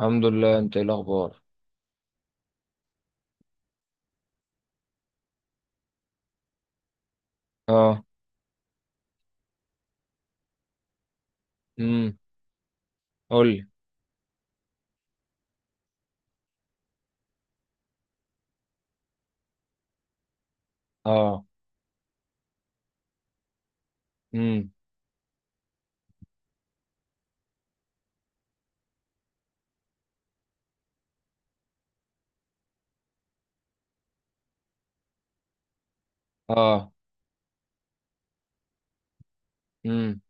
الحمد لله، انت ايه الاخبار؟ اه. امم. قول لي. اه. امم. اه. امم.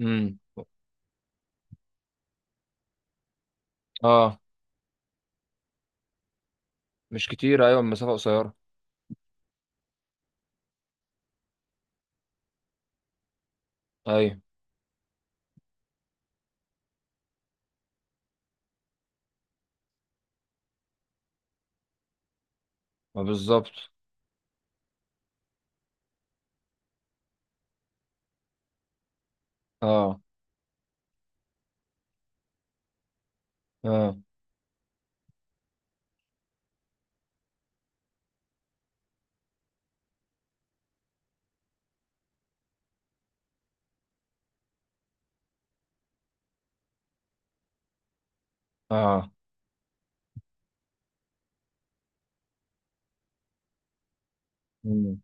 امم. اه، مش كتير. ايوه، المسافه قصيره. ايوه، ما بالظبط. اه. اه. اه. امم.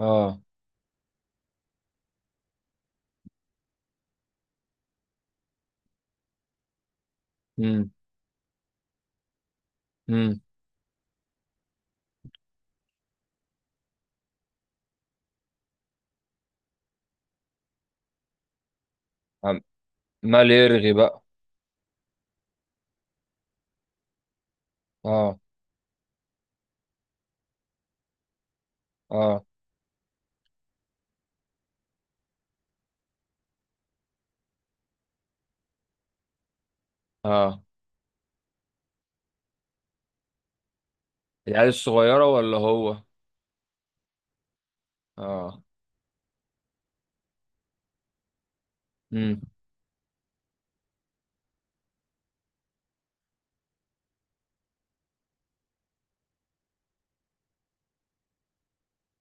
اه. امم. امم. عم- مال يرغي بقى؟ اه. اه. اه، العيال الصغيره ولا هو؟ اه.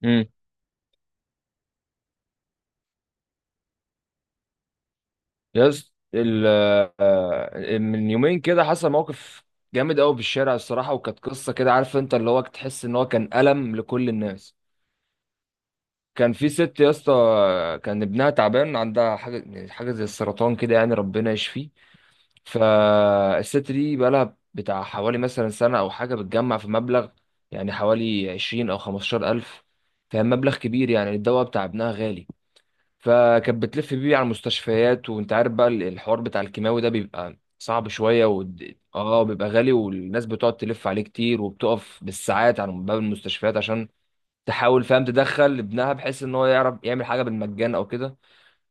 امم. يس ال آه، من يومين كده حصل موقف جامد قوي في الشارع، الصراحه. وكانت قصه كده، عارف، انت اللي هو تحس ان هو كان الم لكل الناس. كان في ست يا اسطى، كان ابنها تعبان، عندها حاجه، يعني حاجه زي السرطان كده، يعني ربنا يشفيه. فالست دي بقالها بتاع حوالي مثلا سنه او حاجه بتجمع في مبلغ، يعني حوالي 20 او 15 الف. فمبلغ كبير، يعني الدواء بتاع ابنها غالي. فكانت بتلف بيه على المستشفيات، وانت عارف بقى الحوار بتاع الكيماوي ده بيبقى صعب شوية اه، بيبقى غالي، والناس بتقعد تلف عليه كتير، وبتقف بالساعات على باب المستشفيات عشان تحاول، فاهم، تدخل ابنها بحيث ان هو يعرف يعمل حاجة بالمجان او كده.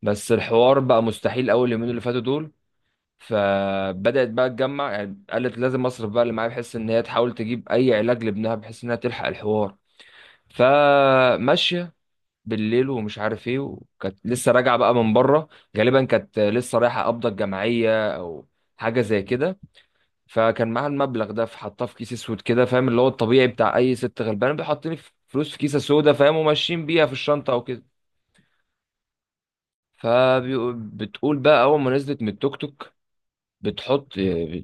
بس الحوار بقى مستحيل اول يومين اللي فاتوا دول. فبدأت بقى تجمع، يعني قالت لازم اصرف بقى اللي معايا، بحيث ان هي تحاول تجيب اي علاج لابنها، بحيث انها تلحق الحوار. فماشية بالليل ومش عارف ايه، وكانت لسه راجعه بقى من بره، غالبا كانت لسه رايحه قبضه الجمعيه او حاجه زي كده. فكان معاها المبلغ ده، فحطاه في كيس اسود كده، فاهم، اللي هو الطبيعي بتاع اي ست غلبانه بيحطني في فلوس في كيسه سودا، فاهم، وماشيين بيها في الشنطه او كده. فبتقول بقى، اول ما نزلت من التوك توك بتحط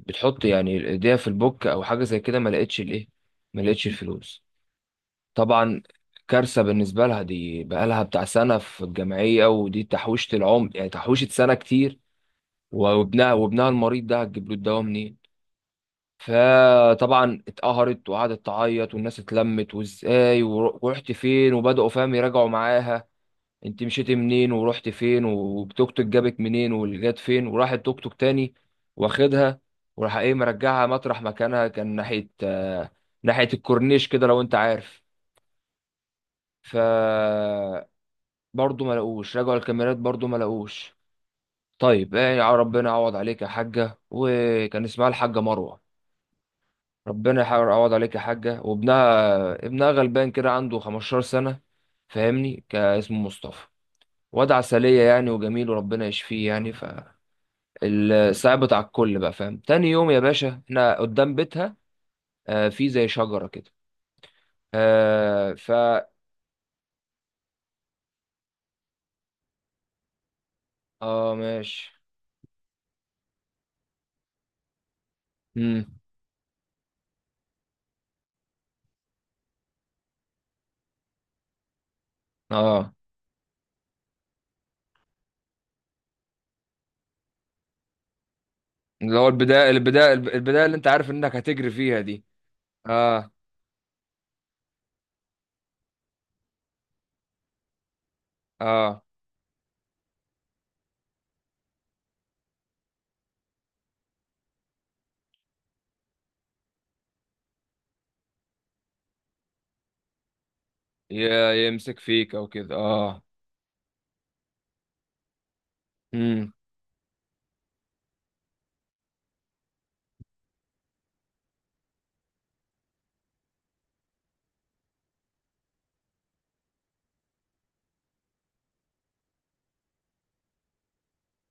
بتحط يعني ايديها في البوك او حاجه زي كده، ما لقيتش الايه، ما لقيتش الفلوس. طبعا كارثة بالنسبة لها، دي بقالها بتاع سنة في الجمعية، ودي تحويشة العمر، يعني تحويشة سنة كتير. وابنها المريض ده هتجيب له الدواء منين؟ فطبعا اتقهرت وقعدت تعيط، والناس اتلمت، وازاي ورحت فين، وبدأوا فاهم يراجعوا معاها. انت مشيتي منين، ورحت فين، والتوك توك جابك منين، واللي جات فين، وراح التوك توك تاني واخدها، وراح ايه، مرجعها مطرح مكانها. كان ناحية، ناحية الكورنيش كده، لو انت عارف. ف برضه ما لقوش، رجعوا الكاميرات، برضه ما لقوش. طيب ايه يا ربنا يعوض عليك يا حاجة. وكان اسمها الحاجة مروة. ربنا يحاول يعوض عليك يا حاجة. وابنها غلبان كده، عنده 15 سنة، فاهمني، كان اسمه مصطفى، واد عسلية يعني، وجميل، وربنا يشفيه يعني. صعبت على الكل بقى، فاهم. تاني يوم يا باشا احنا قدام بيتها، في زي شجرة كده. آه ف اه، ماشي. امم. اه، اللي هو البداية البداية البداية اللي انت عارف انك هتجري فيها دي. اه. اه. يمسك فيك او كده، اه. امم،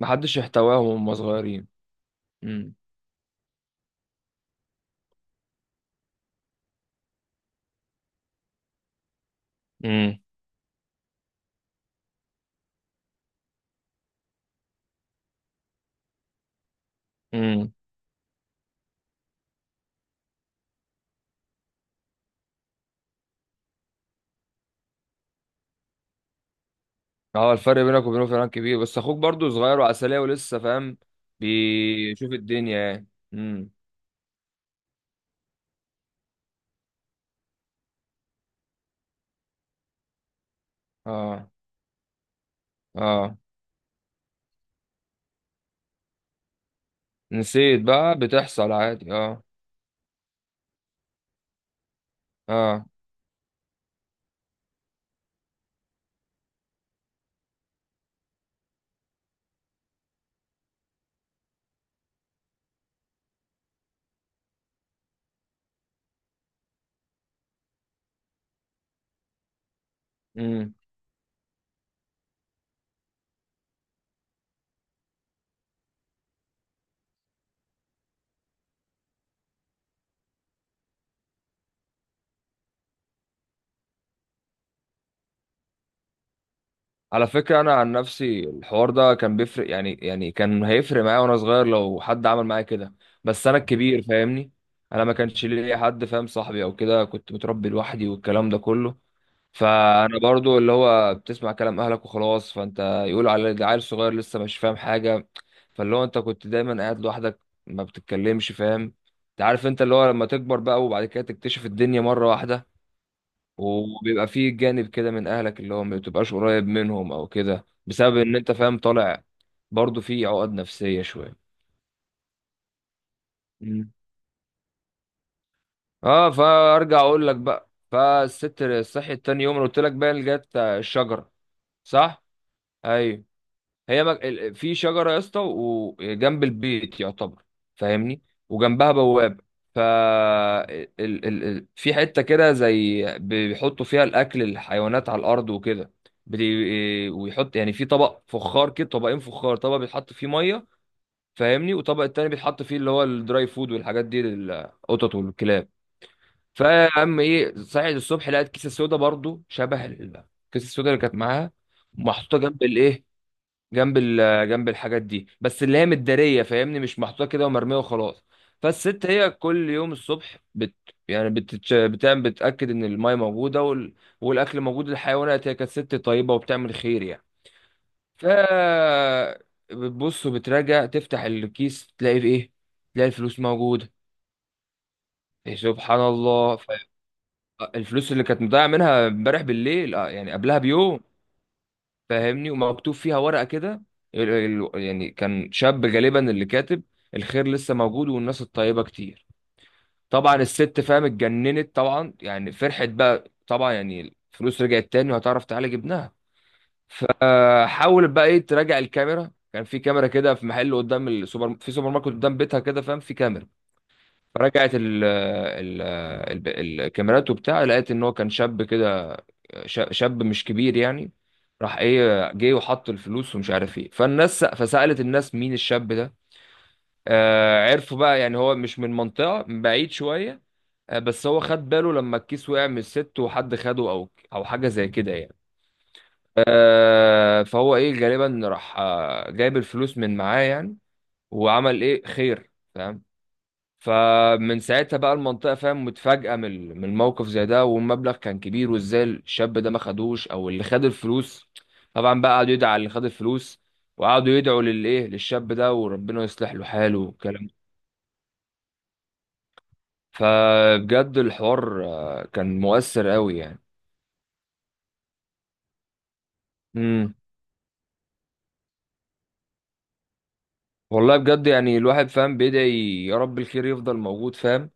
محدش يحتواهم وهم صغيرين. امم. امم. امم. اه، الفرق بينك وبينه فعلا كبير، بس اخوك برضو صغير وعسلية ولسه فاهم، بيشوف الدنيا يعني. امم. اه. اه، نسيت بقى، بتحصل عادي، اه. اه. مم. على فكرة، أنا عن نفسي الحوار ده كان بيفرق، يعني كان هيفرق معايا وأنا صغير لو حد عمل معايا كده. بس أنا الكبير، فاهمني. أنا ما كانش ليا حد، فاهم، صاحبي أو كده. كنت متربي لوحدي والكلام ده كله. فأنا برضو اللي هو بتسمع كلام أهلك وخلاص، فأنت يقولوا على ده عيل صغير لسه مش فاهم حاجة. فاللي هو أنت كنت دايما قاعد لوحدك، ما بتتكلمش، فاهم. أنت عارف، أنت اللي هو لما تكبر بقى وبعد كده تكتشف الدنيا مرة واحدة، وبيبقى فيه جانب كده من اهلك اللي هو ما بتبقاش قريب منهم او كده، بسبب ان انت فاهم طالع. برضو فيه عقد نفسية شوية. مم. اه، فارجع اقول لك بقى، فالست صحيت تاني يوم، أنا قلت لك بقى اللي جت الشجرة. صح. ايوه. هي في شجره يا اسطى وجنب البيت، يعتبر، فاهمني. وجنبها بوابه. ف ال... ال... ال... في حته كده زي بيحطوا فيها الاكل، الحيوانات على الارض وكده. ويحط يعني في طبق فخار كده، طبقين فخار، طبق بيتحط فيه ميه، فاهمني، وطبق التاني بيتحط فيه اللي هو الدراي فود والحاجات دي، للقطط والكلاب. فيا عم، ايه، صحيت الصبح لقيت كيسه سودا برضو شبه الكيسه السودا اللي كانت معاها، محطوطه جنب الايه، جنب الحاجات دي، بس اللي هي متداريه، فاهمني، مش محطوطه كده ومرميه وخلاص. فالست هي كل يوم الصبح يعني بتعمل، بتاكد ان المايه موجوده والاكل موجود للحيوانات. هي كانت ست طيبه وبتعمل خير يعني. ف بتبص وبتراجع، تفتح الكيس، تلاقي في ايه، تلاقي الفلوس موجوده. إيه، سبحان الله. الفلوس اللي كانت مضيعه منها امبارح بالليل، يعني قبلها بيوم. فاهمني. ومكتوب فيها ورقة كده، يعني كان شاب غالبا اللي كاتب: الخير لسه موجود، والناس الطيبة كتير. طبعا الست، فاهم، اتجننت طبعا، يعني فرحت بقى طبعا، يعني الفلوس رجعت تاني وهتعرف تعالج ابنها. فحاولت بقى، ايه، تراجع الكاميرا. كان في كاميرا كده في محل قدام السوبر، في سوبر ماركت قدام بيتها كده، فاهم، في كاميرا. فرجعت الكاميرات وبتاع، لقيت ان هو كان شاب كده، شاب مش كبير يعني. راح ايه، جه وحط الفلوس ومش عارف ايه. فالناس، فسألت الناس مين الشاب ده. عرفوا بقى، يعني هو مش من منطقة، من بعيد شوية. بس هو خد باله لما الكيس وقع من الست وحد خده او او حاجة زي كده يعني. فهو ايه، غالبا راح جايب الفلوس من معاه يعني، وعمل ايه، خير، فاهم؟ فمن ساعتها بقى المنطقة، فاهم، متفاجئة من من الموقف زي ده، والمبلغ كان كبير، وازاي الشاب ده ما خدوش او اللي خد الفلوس. طبعا بقى قعدوا يدعوا على اللي خد الفلوس، وقعدوا يدعوا للايه، للشاب ده، وربنا يصلح له حاله والكلام ده. فبجد الحوار، كان مؤثر قوي يعني. امم. والله بجد، يعني الواحد، فاهم، بيدعي يا رب الخير يفضل موجود، فاهم،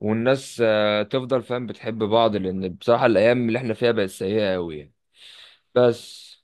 والناس، تفضل، فاهم، بتحب بعض، لان بصراحة الايام اللي احنا فيها بقت سيئة قوي يعني. بس